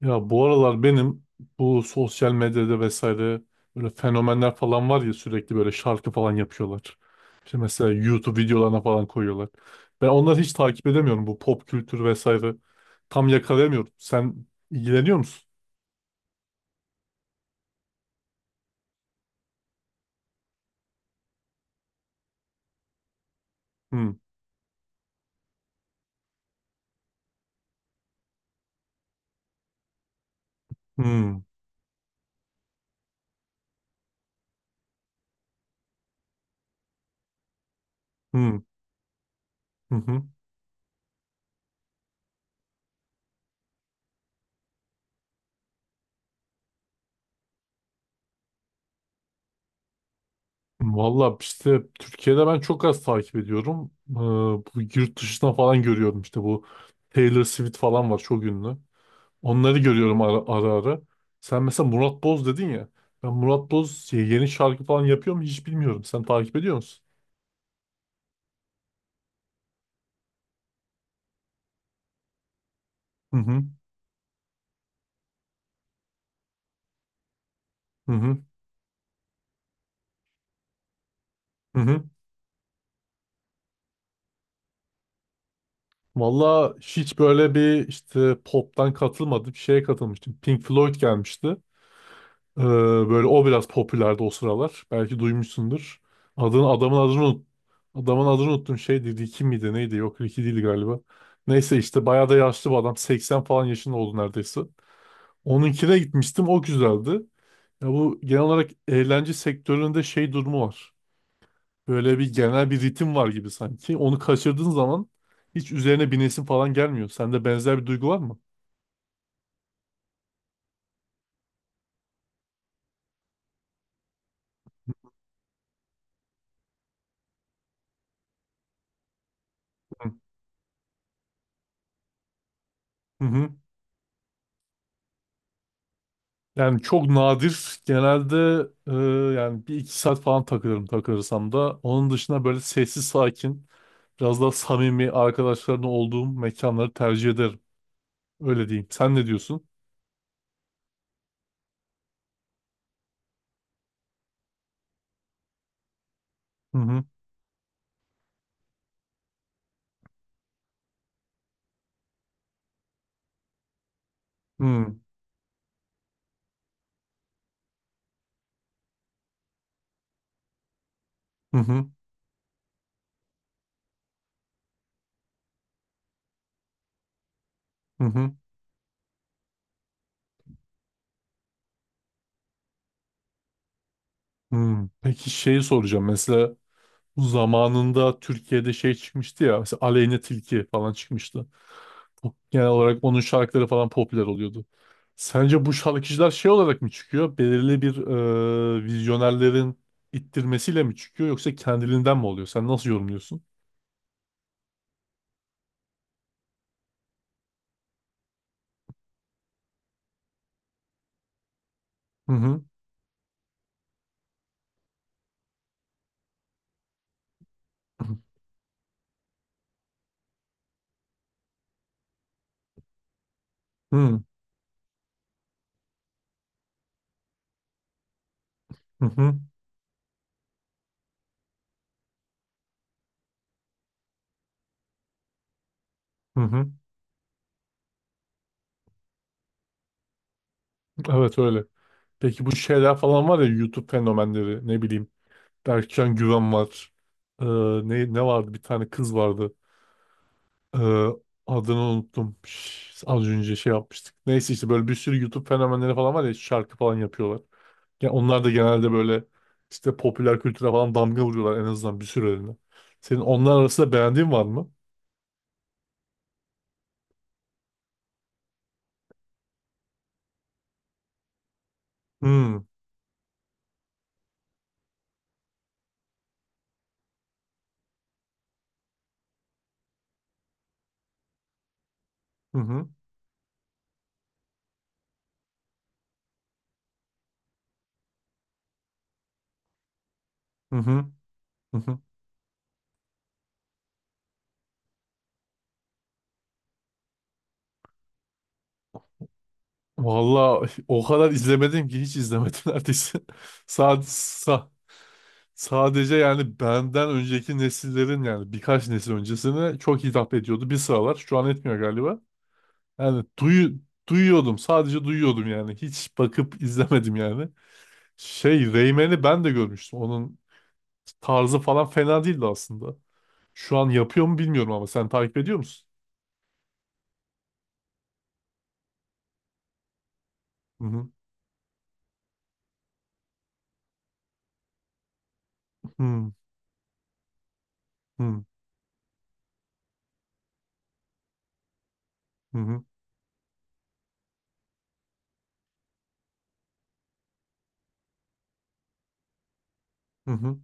Ya bu aralar benim bu sosyal medyada vesaire böyle fenomenler falan var ya, sürekli böyle şarkı falan yapıyorlar. İşte mesela YouTube videolarına falan koyuyorlar. Ben onları hiç takip edemiyorum, bu pop kültür vesaire. Tam yakalayamıyorum. Sen ilgileniyor musun? Hmm, hmm, hmm, hı hı. Valla işte Türkiye'de ben çok az takip ediyorum. Bu yurt dışına falan görüyorum, işte bu Taylor Swift falan var, çok ünlü. Onları görüyorum ara ara. Sen mesela Murat Boz dedin ya. Ben Murat Boz yeni şarkı falan yapıyor mu hiç bilmiyorum. Sen takip ediyor musun? Hı hı. Hı hı. Hı hı. Valla hiç böyle bir işte pop'tan katılmadım. Bir şeye katılmıştım. Pink Floyd gelmişti. Ee, böyle o biraz popülerdi o sıralar. Belki duymuşsundur. Adını, adamın adını unut- Adamın adını unuttum. Şeydi, Ricky miydi neydi? Yok, Ricky değil galiba. Neyse, işte bayağı da yaşlı bir adam. 80 falan yaşında oldu neredeyse. Onunkine gitmiştim. O güzeldi. Ya bu genel olarak eğlence sektöründe şey durumu var. Böyle bir genel bir ritim var gibi sanki. Onu kaçırdığın zaman hiç üzerine binesin falan gelmiyor. Sende benzer bir duygu var mı? Hı hı. Hı. Yani çok nadir. Genelde e, yani bir iki saat falan takılırım, takılırsam da. Onun dışında böyle sessiz sakin, biraz daha samimi arkadaşlarımla olduğum mekanları tercih ederim. Öyle diyeyim. Sen ne diyorsun? Hı hı. Hı hı. Hı hı. Hı hı. Hı. Peki şeyi soracağım. Mesela bu zamanında Türkiye'de şey çıkmıştı ya, mesela Aleyne Tilki falan çıkmıştı. Genel olarak onun şarkıları falan popüler oluyordu. Sence bu şarkıcılar şey olarak mı çıkıyor? Belirli bir vizyonerlerin ittirmesiyle mi çıkıyor, yoksa kendiliğinden mi oluyor? Sen nasıl yorumluyorsun? Hı hı. Hı hı, hı hı. Hı. Evet, öyle. Peki bu şeyler falan var ya, YouTube fenomenleri, ne bileyim, Berkcan Güven var. Ee, ne vardı, bir tane kız vardı. Ee, adını unuttum. Az önce şey yapmıştık. Neyse, işte böyle bir sürü YouTube fenomenleri falan var ya, şarkı falan yapıyorlar. Ya onlar da genelde böyle işte popüler kültüre falan damga vuruyorlar, en azından bir sürelerine. Senin onlar arasında beğendiğin var mı? Hmm. Hı hı. Hı hı. Hı hı. Valla o kadar izlemedim ki, hiç izlemedim neredeyse. Sadece, sadece yani benden önceki nesillerin, yani birkaç nesil öncesine çok hitap ediyordu. Bir sıralar, şu an etmiyor galiba. Yani duyu, duyuyordum. Sadece duyuyordum yani. Hiç bakıp izlemedim yani. Şey, Rayman'i ben de görmüştüm. Onun tarzı falan fena değildi aslında. Şu an yapıyor mu bilmiyorum, ama sen takip ediyor musun? Hı hı, hı hı, hı hı, hı hı.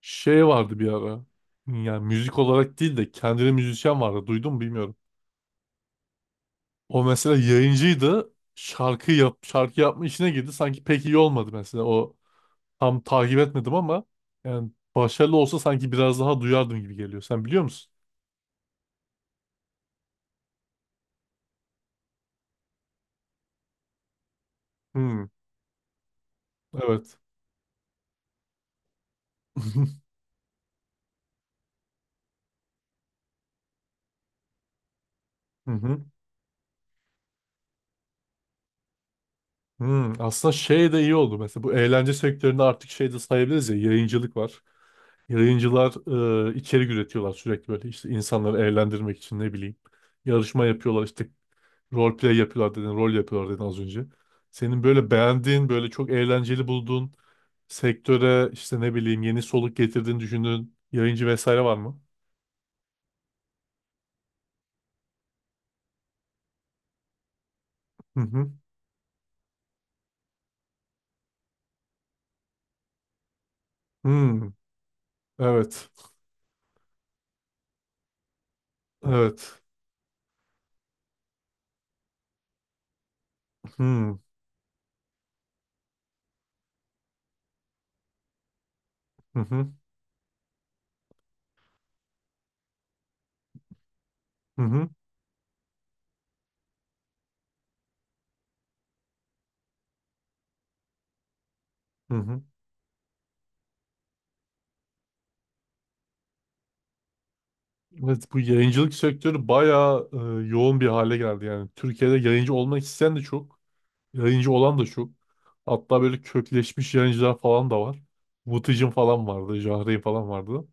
Şey vardı bir ara. Yani müzik olarak değil de kendine müzisyen vardı. Duydun mu bilmiyorum. O mesela yayıncıydı. Şarkı yap, şarkı yapma işine girdi. Sanki pek iyi olmadı mesela o. Tam takip etmedim ama, yani başarılı olsa sanki biraz daha duyardım gibi geliyor. Sen biliyor musun? Hmm, evet. Hı hı. Hmm, aslında şey de iyi oldu. Mesela bu eğlence sektöründe artık şey de sayabiliriz ya, yayıncılık var. Yayıncılar içerik üretiyorlar sürekli, böyle işte insanları eğlendirmek için, ne bileyim. Yarışma yapıyorlar, işte rol play yapıyorlar dedin, rol yapıyorlar dedin az önce. Senin böyle beğendiğin, böyle çok eğlenceli bulduğun, sektöre işte ne bileyim yeni soluk getirdiğini düşündüğün yayıncı vesaire var mı? Hı hı. Hmm. Evet. Evet. Hmm. Hı hı. Hı hı. Hı hı. Evet, bu yayıncılık sektörü bayağı yoğun bir hale geldi yani. Türkiye'de yayıncı olmak isteyen de çok, yayıncı olan da çok. Hatta böyle kökleşmiş yayıncılar falan da var. Vıtıcın falan vardı, Jahre'yi falan vardı.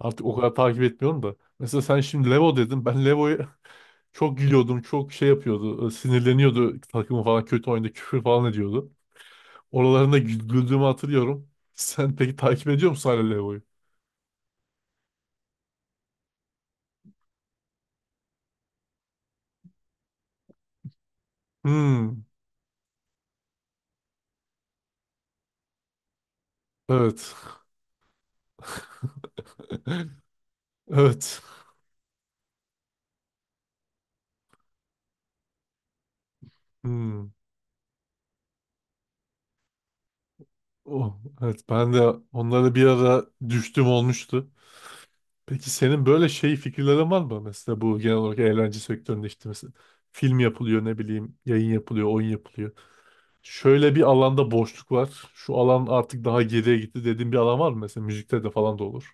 Artık o kadar takip etmiyorum da. Mesela sen şimdi Levo dedin. Ben Levo'yu çok gülüyordum, çok şey yapıyordu, sinirleniyordu takımı falan kötü oyunda, küfür falan ediyordu. Oralarında güldüğümü hatırlıyorum. Sen peki takip ediyor musun hala Leo'yu? Hmm. Evet. Evet. Hmm. Oh, evet, ben de onlara bir ara düştüm, olmuştu. Peki senin böyle şey fikirlerin var mı? Mesela bu genel olarak eğlence sektöründe, işte mesela film yapılıyor, ne bileyim yayın yapılıyor, oyun yapılıyor. Şöyle bir alanda boşluk var. Şu alan artık daha geriye gitti dediğin bir alan var mı? Mesela müzikte de falan da olur.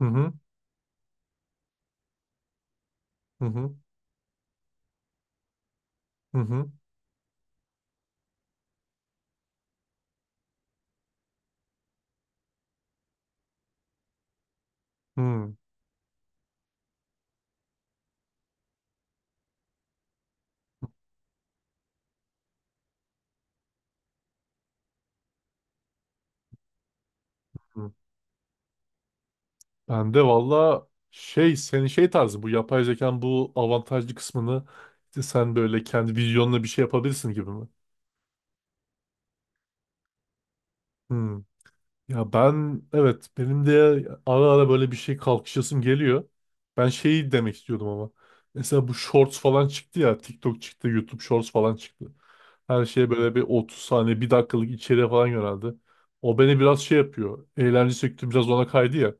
Hı hı. Hı hı. Hı hı. Hı. Ben de valla şey, senin şey tarzı bu yapay zekanın bu avantajlı kısmını işte sen böyle kendi vizyonla bir şey yapabilirsin gibi mi? Hmm. Ya ben, evet, benim de ara ara böyle bir şey kalkışasım geliyor. Ben şeyi demek istiyordum ama. Mesela bu shorts falan çıktı ya, TikTok çıktı, YouTube shorts falan çıktı. Her şeye böyle bir 30 saniye bir dakikalık içeriğe falan yöneldi. O beni biraz şey yapıyor. Eğlence sektörü biraz ona kaydı ya.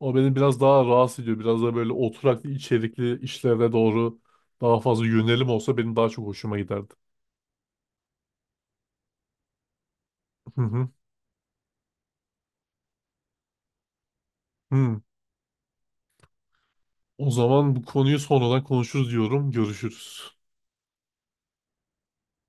O beni biraz daha rahatsız ediyor. Biraz da böyle oturaklı içerikli işlere doğru daha fazla yönelim olsa benim daha çok hoşuma giderdi. Hı hı. Hı. O zaman bu konuyu sonradan konuşuruz diyorum. Görüşürüz.